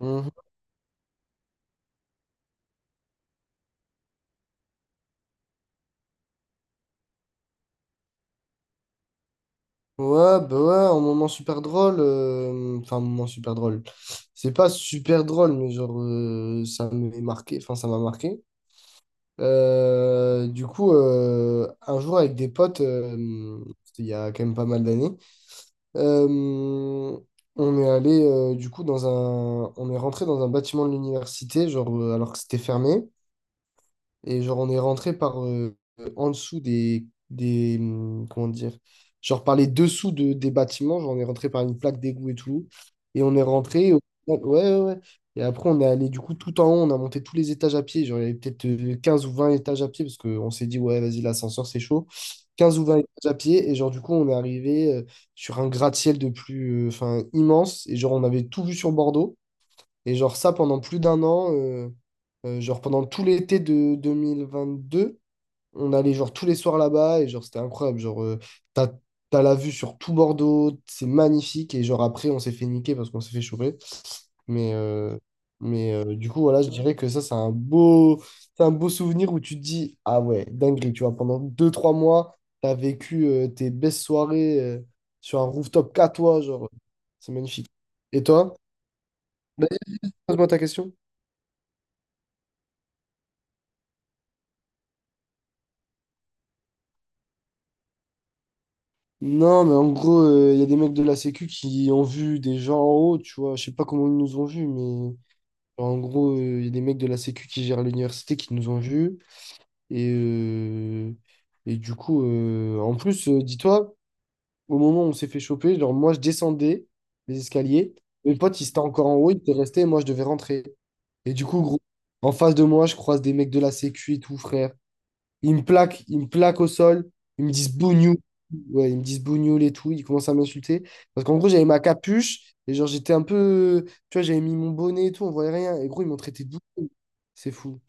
Mhm. Ouais, bah ouais, un moment super drôle. Enfin, un moment super drôle. C'est pas super drôle, mais genre, ça m'est marqué. Enfin, ça m'a marqué. Du coup, un jour, avec des potes, c'était il y a quand même pas mal d'années, euh, on est allé, du coup, dans un. On est rentré dans un bâtiment de l'université, genre, alors que c'était fermé. Et genre, on est rentré par en dessous des. Comment dire? Genre, par les dessous des bâtiments. Genre, on est rentré par une plaque d'égout et tout. Et on est rentré. Ouais, ouais, ouais. Et après, on est allé du coup tout en haut. On a monté tous les étages à pied. Genre, il y avait peut-être 15 ou 20 étages à pied parce qu'on s'est dit, ouais, vas-y, l'ascenseur, c'est chaud. 15 ou 20 étages à pied. Et genre, du coup, on est arrivé sur un gratte-ciel de plus. Enfin, immense. Et genre, on avait tout vu sur Bordeaux. Et genre ça, pendant plus d'un an, genre pendant tout l'été de 2022, on allait genre tous les soirs là-bas, et genre c'était incroyable. Genre t'as, t'as la vue sur tout Bordeaux, c'est magnifique. Et genre après, on s'est fait niquer parce qu'on s'est fait choper. Mais, euh, mais, du coup, voilà, je dirais que ça, c'est un beau souvenir où tu te dis, ah ouais, dinguerie, tu vois, pendant deux trois mois, t'as vécu tes belles soirées sur un rooftop qu'à toi, genre, c'est magnifique. Et toi? Vas-y, pose-moi ta question. Non, mais en gros, il y a des mecs de la Sécu qui ont vu des gens en haut, tu vois. Je sais pas comment ils nous ont vus, mais genre, en gros, il y a des mecs de la Sécu qui gèrent l'université qui nous ont vus. Et, euh, et du coup, en plus, dis-toi, au moment où on s'est fait choper, genre, moi, je descendais les escaliers. Mes potes, ils étaient encore en haut, ils étaient restés, et moi, je devais rentrer. Et du coup, gros, en face de moi, je croise des mecs de la Sécu et tout, frère. Ils me plaquent au sol. Ils me disent bougnoule. Ouais, ils me disent bougnoule et tout. Ils commencent à m'insulter. Parce qu'en gros, j'avais ma capuche. Et genre, j'étais un peu. Tu vois, j'avais mis mon bonnet et tout. On voyait rien. Et gros, ils m'ont traité de bougnoule. C'est fou.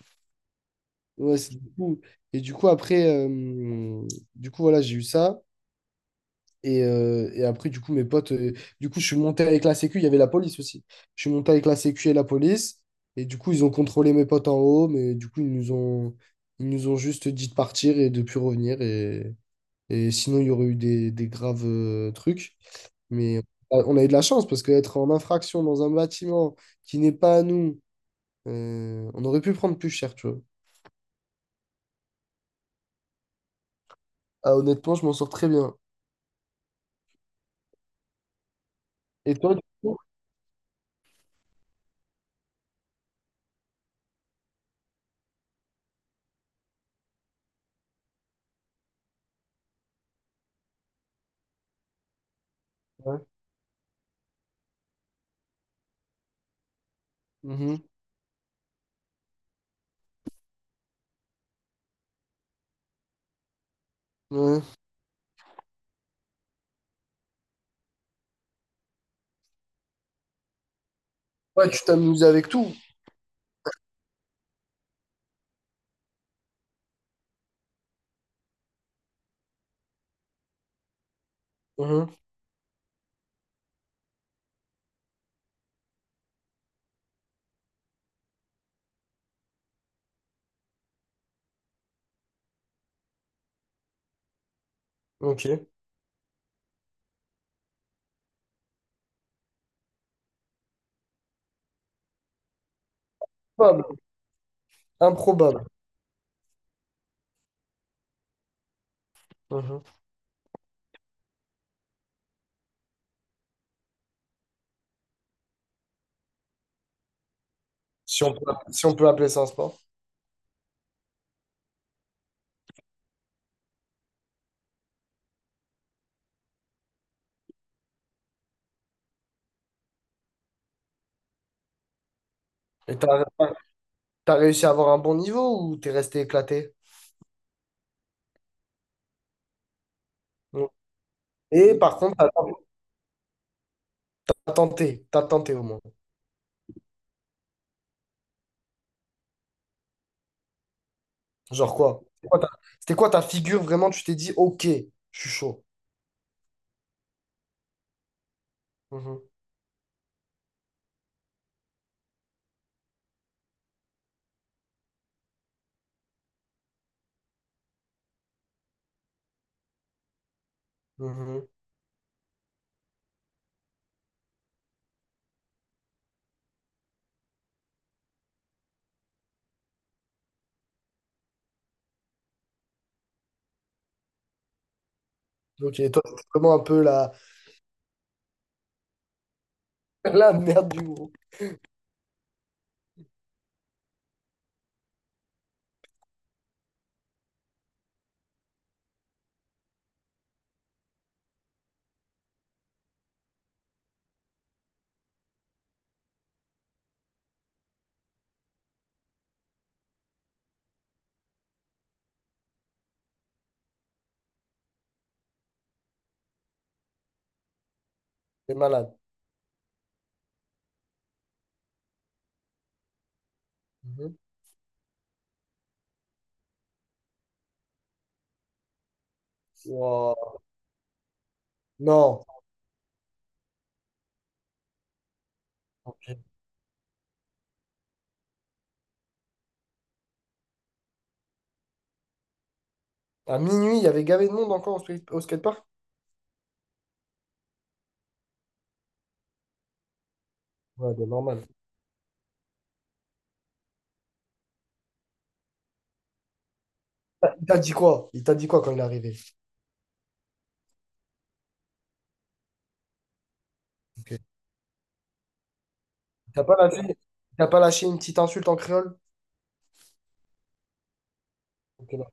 Ouais, c'est fou. Et du coup, après. Du coup, voilà, j'ai eu ça. Et après, du coup, mes potes. Du coup, je suis monté avec la sécu. Il y avait la police aussi. Je suis monté avec la sécu et la police. Et du coup, ils ont contrôlé mes potes en haut. Mais du coup, ils nous ont. Ils nous ont juste dit de partir et de plus revenir. Et sinon, il y aurait eu des graves trucs. Mais on a eu de la chance parce qu'être en infraction dans un bâtiment qui n'est pas à nous, on aurait pu prendre plus cher, tu vois. Ah, honnêtement, je m'en sors très bien. Et toi, du coup? Ouais. Mhm. Ouais. Ouais, tu t'amuses avec tout. Mhm. Ok. Improbable. Improbable. Mhm. Si on peut appeler ça un sport. Et t'as réussi à avoir un bon niveau ou t'es resté éclaté? Non. Et par contre, t'as tenté. T'as tenté au moins. Genre quoi? C'était quoi ta figure vraiment? Tu t'es dit, ok, je suis chaud. Mhm, mhm. Ok, toi, c'est vraiment un peu la, la merde du groupe. T'es malade. Mhm. Wow. Non. Ok. À minuit, il y avait gavé de monde encore au skatepark? Ouais, ben, normal. Il t'a dit quoi? Il t'a dit quoi quand il est arrivé? Ok. T'a pas lâché, il t'a pas lâché une petite insulte en créole? Ok, non.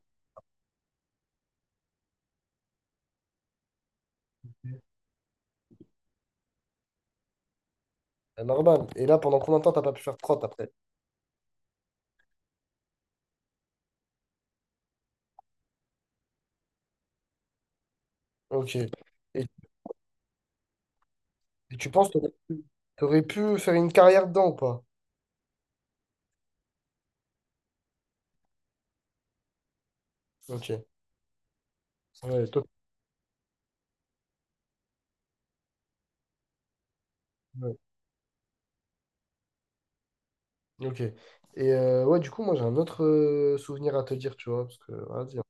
C'est normal. Et là, pendant combien de temps t'as pas pu faire de crotte après? Ok. Et tu penses que t'aurais pu faire une carrière dedans ou pas? Ok. Ouais, toi. Ouais. Ok. Et ouais, du coup, moi j'ai un autre souvenir à te dire, tu vois, parce que ah, vas-y,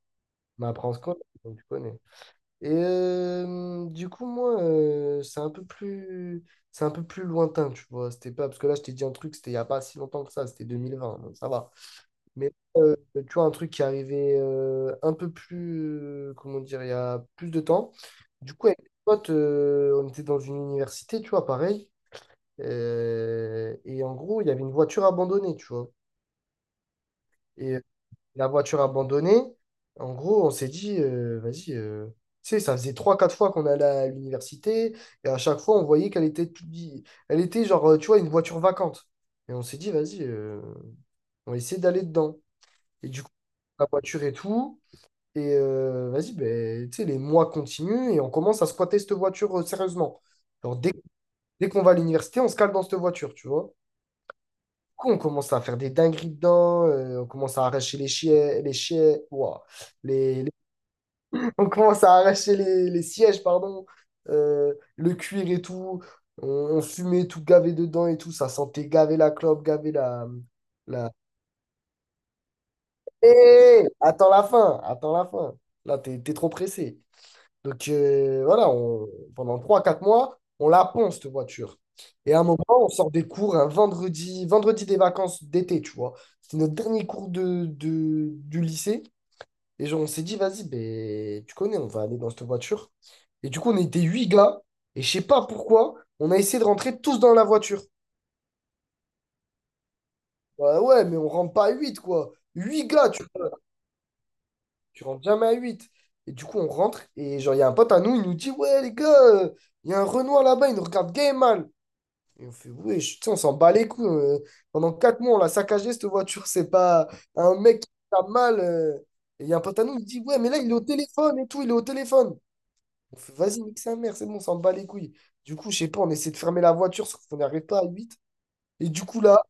on apprend à se connaître, donc tu connais. Et du coup, moi, c'est un peu plus lointain, tu vois. C'était pas parce que là, je t'ai dit un truc, c'était il y a pas si longtemps que ça, c'était 2020, donc ça va. Mais tu vois, un truc qui arrivait un peu plus, comment dire, il y a plus de temps. Du coup, avec des potes, on était dans une université, tu vois, pareil. Et en gros, il y avait une voiture abandonnée, tu vois. Et la voiture abandonnée. En gros, on s'est dit, vas-y, tu sais, ça faisait trois quatre fois qu'on allait à l'université, et à chaque fois, on voyait qu'elle était, elle était genre, tu vois, une voiture vacante. Et on s'est dit, vas-y, on va essayer d'aller dedans. Et du coup, la voiture et tout, vas-y, ben, tu sais, les mois continuent, et on commence à squatter cette voiture, sérieusement. Genre, dès qu'on va à l'université, on se cale dans cette voiture, tu vois. Du coup, on commence à faire des dingueries dedans, on commence à arracher les chiens, ouah, les, on commence à arracher les sièges, pardon, le cuir et tout. On fumait tout gavé dedans et tout. Ça sentait gavé la clopela... Hé, attends la fin, attends la fin. Là, t'es trop pressé. Donc voilà, pendant trois quatre mois, on la ponce, cette voiture. Et à un moment, on sort des cours un vendredi, vendredi des vacances d'été, tu vois. C'est notre dernier cours du lycée. Et genre, on s'est dit, vas-y, ben, tu connais, on va aller dans cette voiture. Et du coup, on était huit gars. Et je sais pas pourquoi, on a essayé de rentrer tous dans la voiture. Ouais, ouais, mais on rentre pas à huit, quoi. Huit gars, tu rentres jamais à huit. Et du coup, on rentre. Et genre, il y a un pote à nous, il nous dit, ouais, les gars, euh, il y a un Renoir là-bas, il nous regarde gay et mal. Et on fait, ouais, tu sais, on s'en bat les couilles. Pendant 4 mois, on l'a saccagé, cette voiture. C'est pas un mec qui a mal. Et il y a un pote à nous, il dit, ouais, mais là, il est au téléphone et tout, il est au téléphone. On fait, vas-y, nique sa mère, c'est bon, on s'en bat les couilles. Du coup, je sais pas, on essaie de fermer la voiture, sauf qu'on n'y arrive pas à huit. Et du coup, là,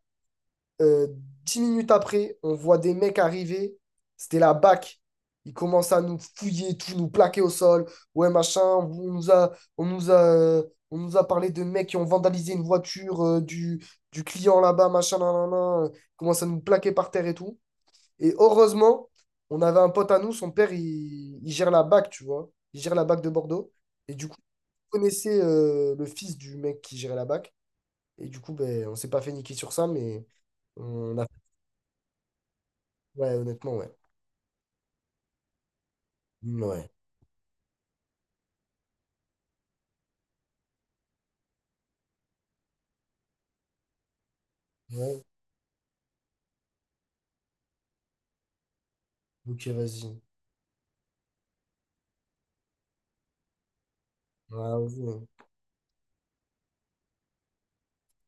euh, 10 minutes après, on voit des mecs arriver. C'était la BAC. Ils commencent à nous fouiller, tout, nous plaquer au sol. Ouais, machin, on nous a, euh, on nous a parlé de mecs qui ont vandalisé une voiture du client là-bas, machin, nan, nan, nan. Ils commencent à nous plaquer par terre et tout. Et heureusement, on avait un pote à nous, son père, il gère la BAC, tu vois. Il gère la BAC de Bordeaux. Et du coup, connaissait le fils du mec qui gérait la BAC. Et du coup, ben, on s'est pas fait niquer sur ça, mais on a. Ouais, honnêtement, ouais. Ouais. Ouais. Ok, vas-y. Ouais, vas-y.